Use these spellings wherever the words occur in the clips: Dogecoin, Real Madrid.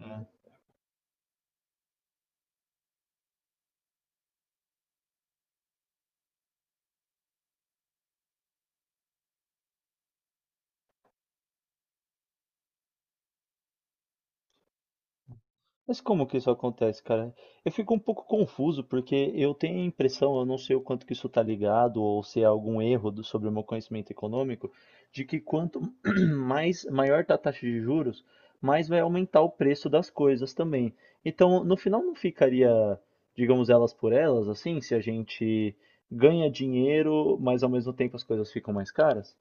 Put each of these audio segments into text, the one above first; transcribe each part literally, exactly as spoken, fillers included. É. Mas como que isso acontece, cara? Eu fico um pouco confuso porque eu tenho a impressão, eu não sei o quanto que isso está ligado ou se é algum erro do- sobre o meu conhecimento econômico, de que quanto mais maior tá a taxa de juros, mais vai aumentar o preço das coisas também. Então, no final não ficaria, digamos, elas por elas, assim, se a gente ganha dinheiro, mas ao mesmo tempo as coisas ficam mais caras?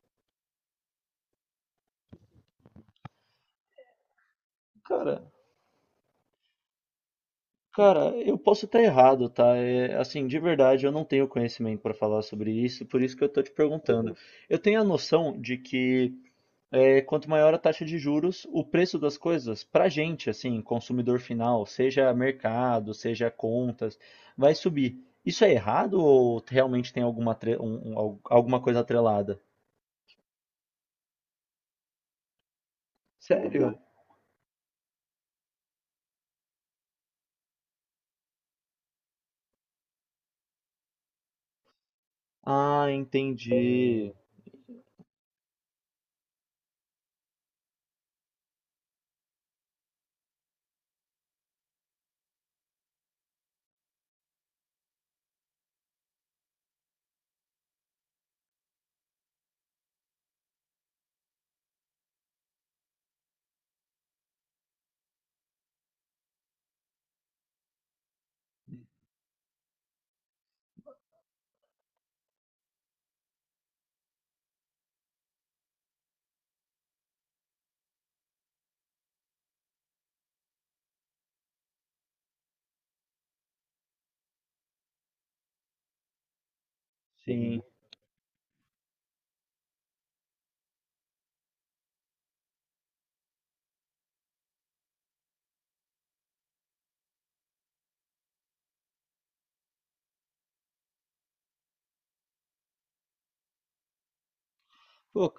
Cara, eu posso estar errado, tá? É, assim, de verdade, eu não tenho conhecimento para falar sobre isso, por isso que eu tô te perguntando. Uhum. Eu tenho a noção de que é, quanto maior a taxa de juros, o preço das coisas, pra gente, assim, consumidor final, seja mercado, seja contas, vai subir. Isso é errado ou realmente tem alguma, atre- um- um- al- alguma coisa atrelada? Sério? Ah, entendi. Sim. Pô,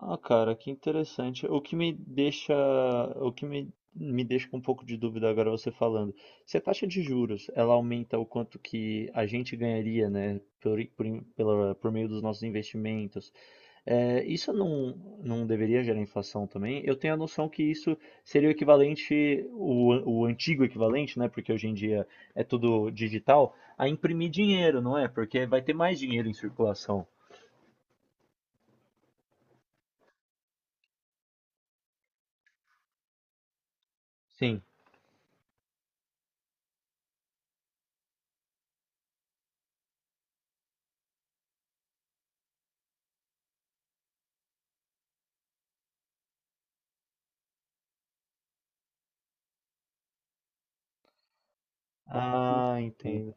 Ah, cara, que interessante. O que me deixa, o que me, me deixa com um pouco de dúvida agora você falando. Se a taxa de juros, ela aumenta o quanto que a gente ganharia, né, por, por, in- pela- por meio dos nossos investimentos, é, isso não, não deveria gerar inflação também? Eu tenho a noção que isso seria o equivalente, o, an- o antigo equivalente, né, porque hoje em dia é tudo digital, a imprimir dinheiro, não é? Porque vai ter mais dinheiro em circulação. Sim. Ah, entendo.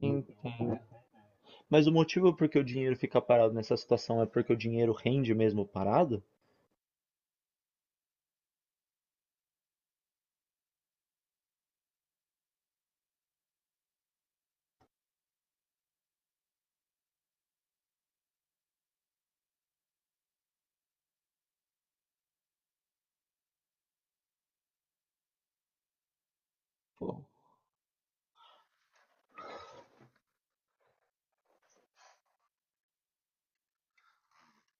Entendo. Mas o motivo por que o dinheiro fica parado nessa situação é porque o dinheiro rende mesmo parado? Pô.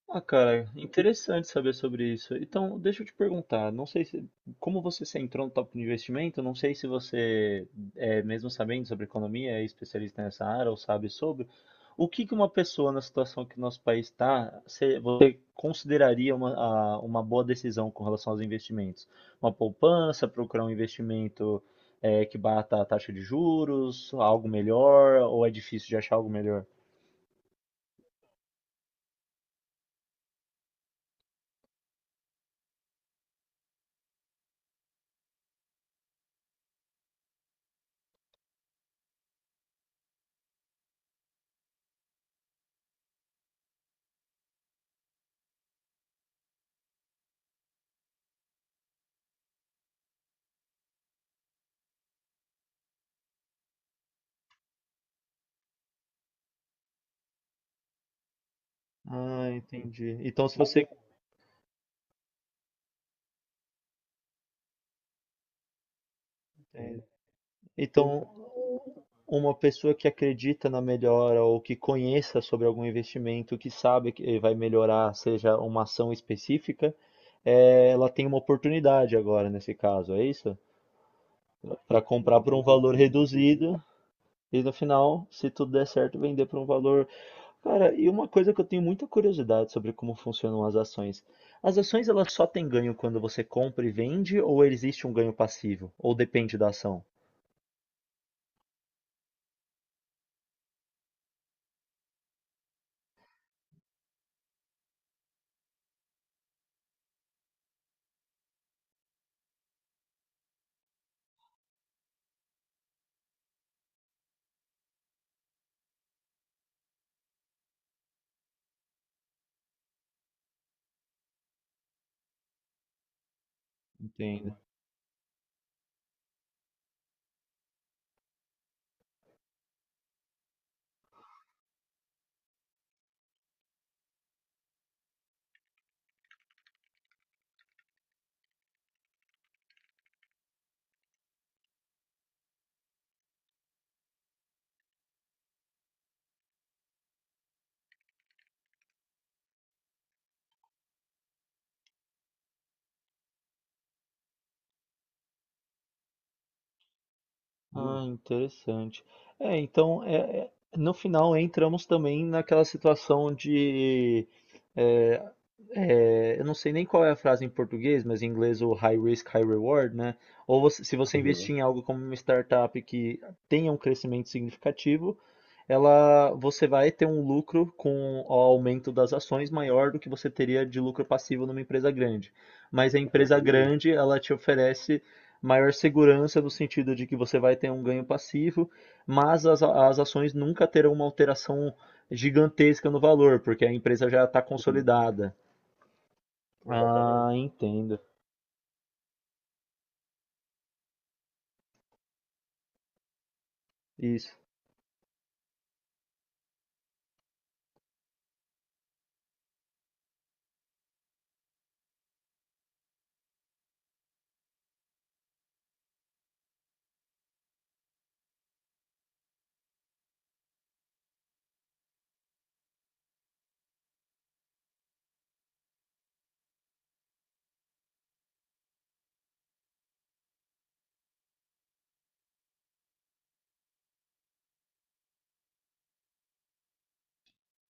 Ah, cara, interessante saber sobre isso. Então, deixa eu te perguntar, não sei se, como você se entrou no tópico de investimento, não sei se você, é, mesmo sabendo sobre economia, é especialista nessa área ou sabe sobre, o que que uma pessoa na situação que o nosso país está, se- você consideraria uma, a- uma boa decisão com relação aos investimentos? Uma poupança, procurar um investimento, é, que bata a taxa de juros, algo melhor, ou é difícil de achar algo melhor? Ah, entendi. Então, se você é. Então, uma pessoa que acredita na melhora ou que conheça sobre algum investimento, que sabe que vai melhorar, seja uma ação específica, eh, ela tem uma oportunidade agora, nesse caso, é isso? Para comprar por um valor reduzido e no final, se tudo der certo, vender por um valor. Cara, e uma coisa que eu tenho muita curiosidade sobre como funcionam as ações. As ações, elas só têm ganho quando você compra e vende, ou existe um ganho passivo? Ou depende da ação? Entendo. Ah, interessante. É, então, é, é- no final entramos também naquela situação de, é, é, eu não sei nem qual é a frase em português, mas em inglês o high risk, high reward, né? Ou você- se você, uhum, investir em algo como uma startup que tenha um crescimento significativo, ela, você vai ter um lucro com o aumento das ações maior do que você teria de lucro passivo numa empresa grande. Mas a empresa grande, ela te oferece maior segurança no sentido de que você vai ter um ganho passivo, mas as, as ações nunca terão uma alteração gigantesca no valor, porque a empresa já está, uhum, consolidada. Ah, entendo. Isso.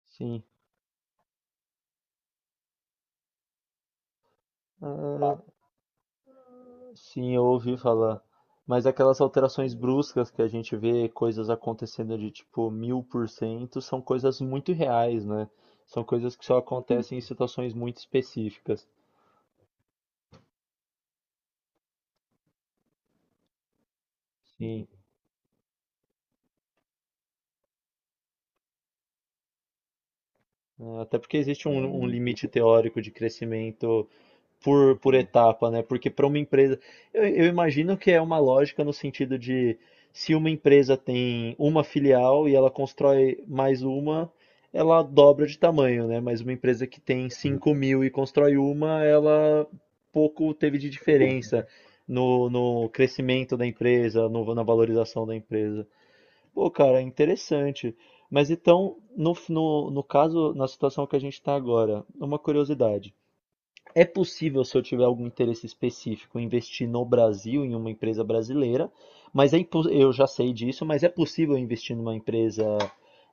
Sim. Ah. Sim, eu ouvi falar. Mas aquelas alterações bruscas que a gente vê coisas acontecendo de tipo mil por cento são coisas muito reais, né? São coisas que só acontecem em situações muito específicas. Sim. É. Até porque existe um, um limite teórico de crescimento por, por etapa, né? Porque para uma empresa, eu, eu imagino que é uma lógica no sentido de se uma empresa tem uma filial e ela constrói mais uma, ela dobra de tamanho, né? Mas uma empresa que tem cinco mil e constrói uma, ela pouco teve de diferença no, no crescimento da empresa, no- na valorização da empresa. Pô, cara, interessante. Mas então, no, no, no caso, na situação que a gente está agora, uma curiosidade. É possível, se eu tiver algum interesse específico, investir no Brasil em uma empresa brasileira, mas é impo- eu já sei disso, mas é possível investir numa empresa,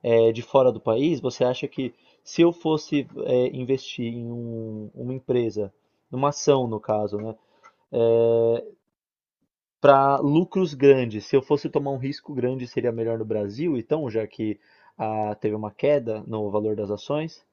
eh, de fora do país? Você acha que se eu fosse, eh, investir em um- uma empresa, numa ação no caso, né, para lucros grandes, se eu fosse tomar um risco grande, seria melhor no Brasil, então, já que ah, teve uma queda no valor das ações?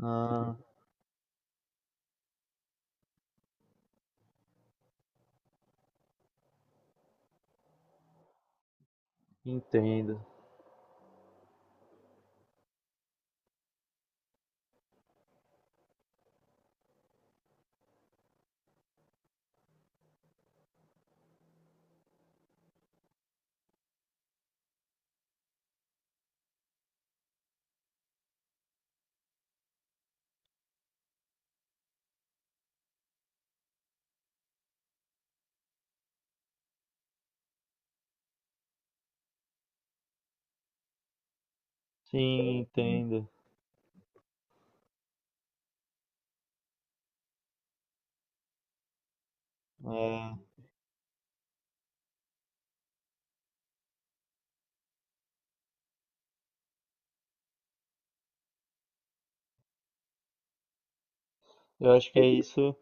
Ah, entendo. Sim, entendo. É. Eu acho que é isso.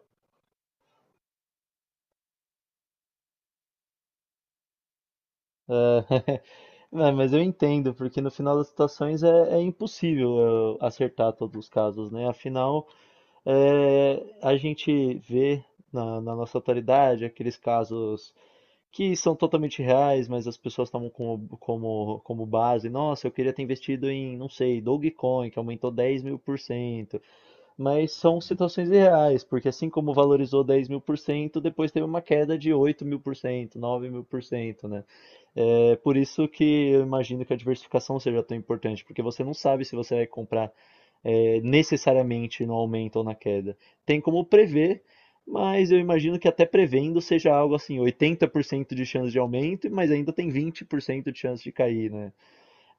Não, mas eu entendo, porque no final das situações é, é impossível eu acertar todos os casos, né? Afinal, é, a gente vê na, na nossa atualidade aqueles casos que são totalmente reais, mas as pessoas tomam como, como, como base. Nossa, eu queria ter investido em, não sei, Dogecoin, que aumentou dez mil por cento. Mas são situações reais, porque assim como valorizou dez mil por cento, depois teve uma queda de oito mil por cento, nove mil por cento, né? É por isso que eu imagino que a diversificação seja tão importante, porque você não sabe se você vai comprar é, necessariamente no aumento ou na queda. Tem como prever, mas eu imagino que até prevendo seja algo assim, oitenta por cento de chance de aumento, mas ainda tem vinte por cento de chance de cair, né?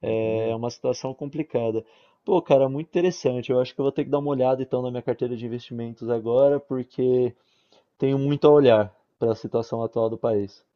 É uma situação complicada. Pô, cara, muito interessante. Eu acho que eu vou ter que dar uma olhada então na minha carteira de investimentos agora, porque tenho muito a olhar para a situação atual do país.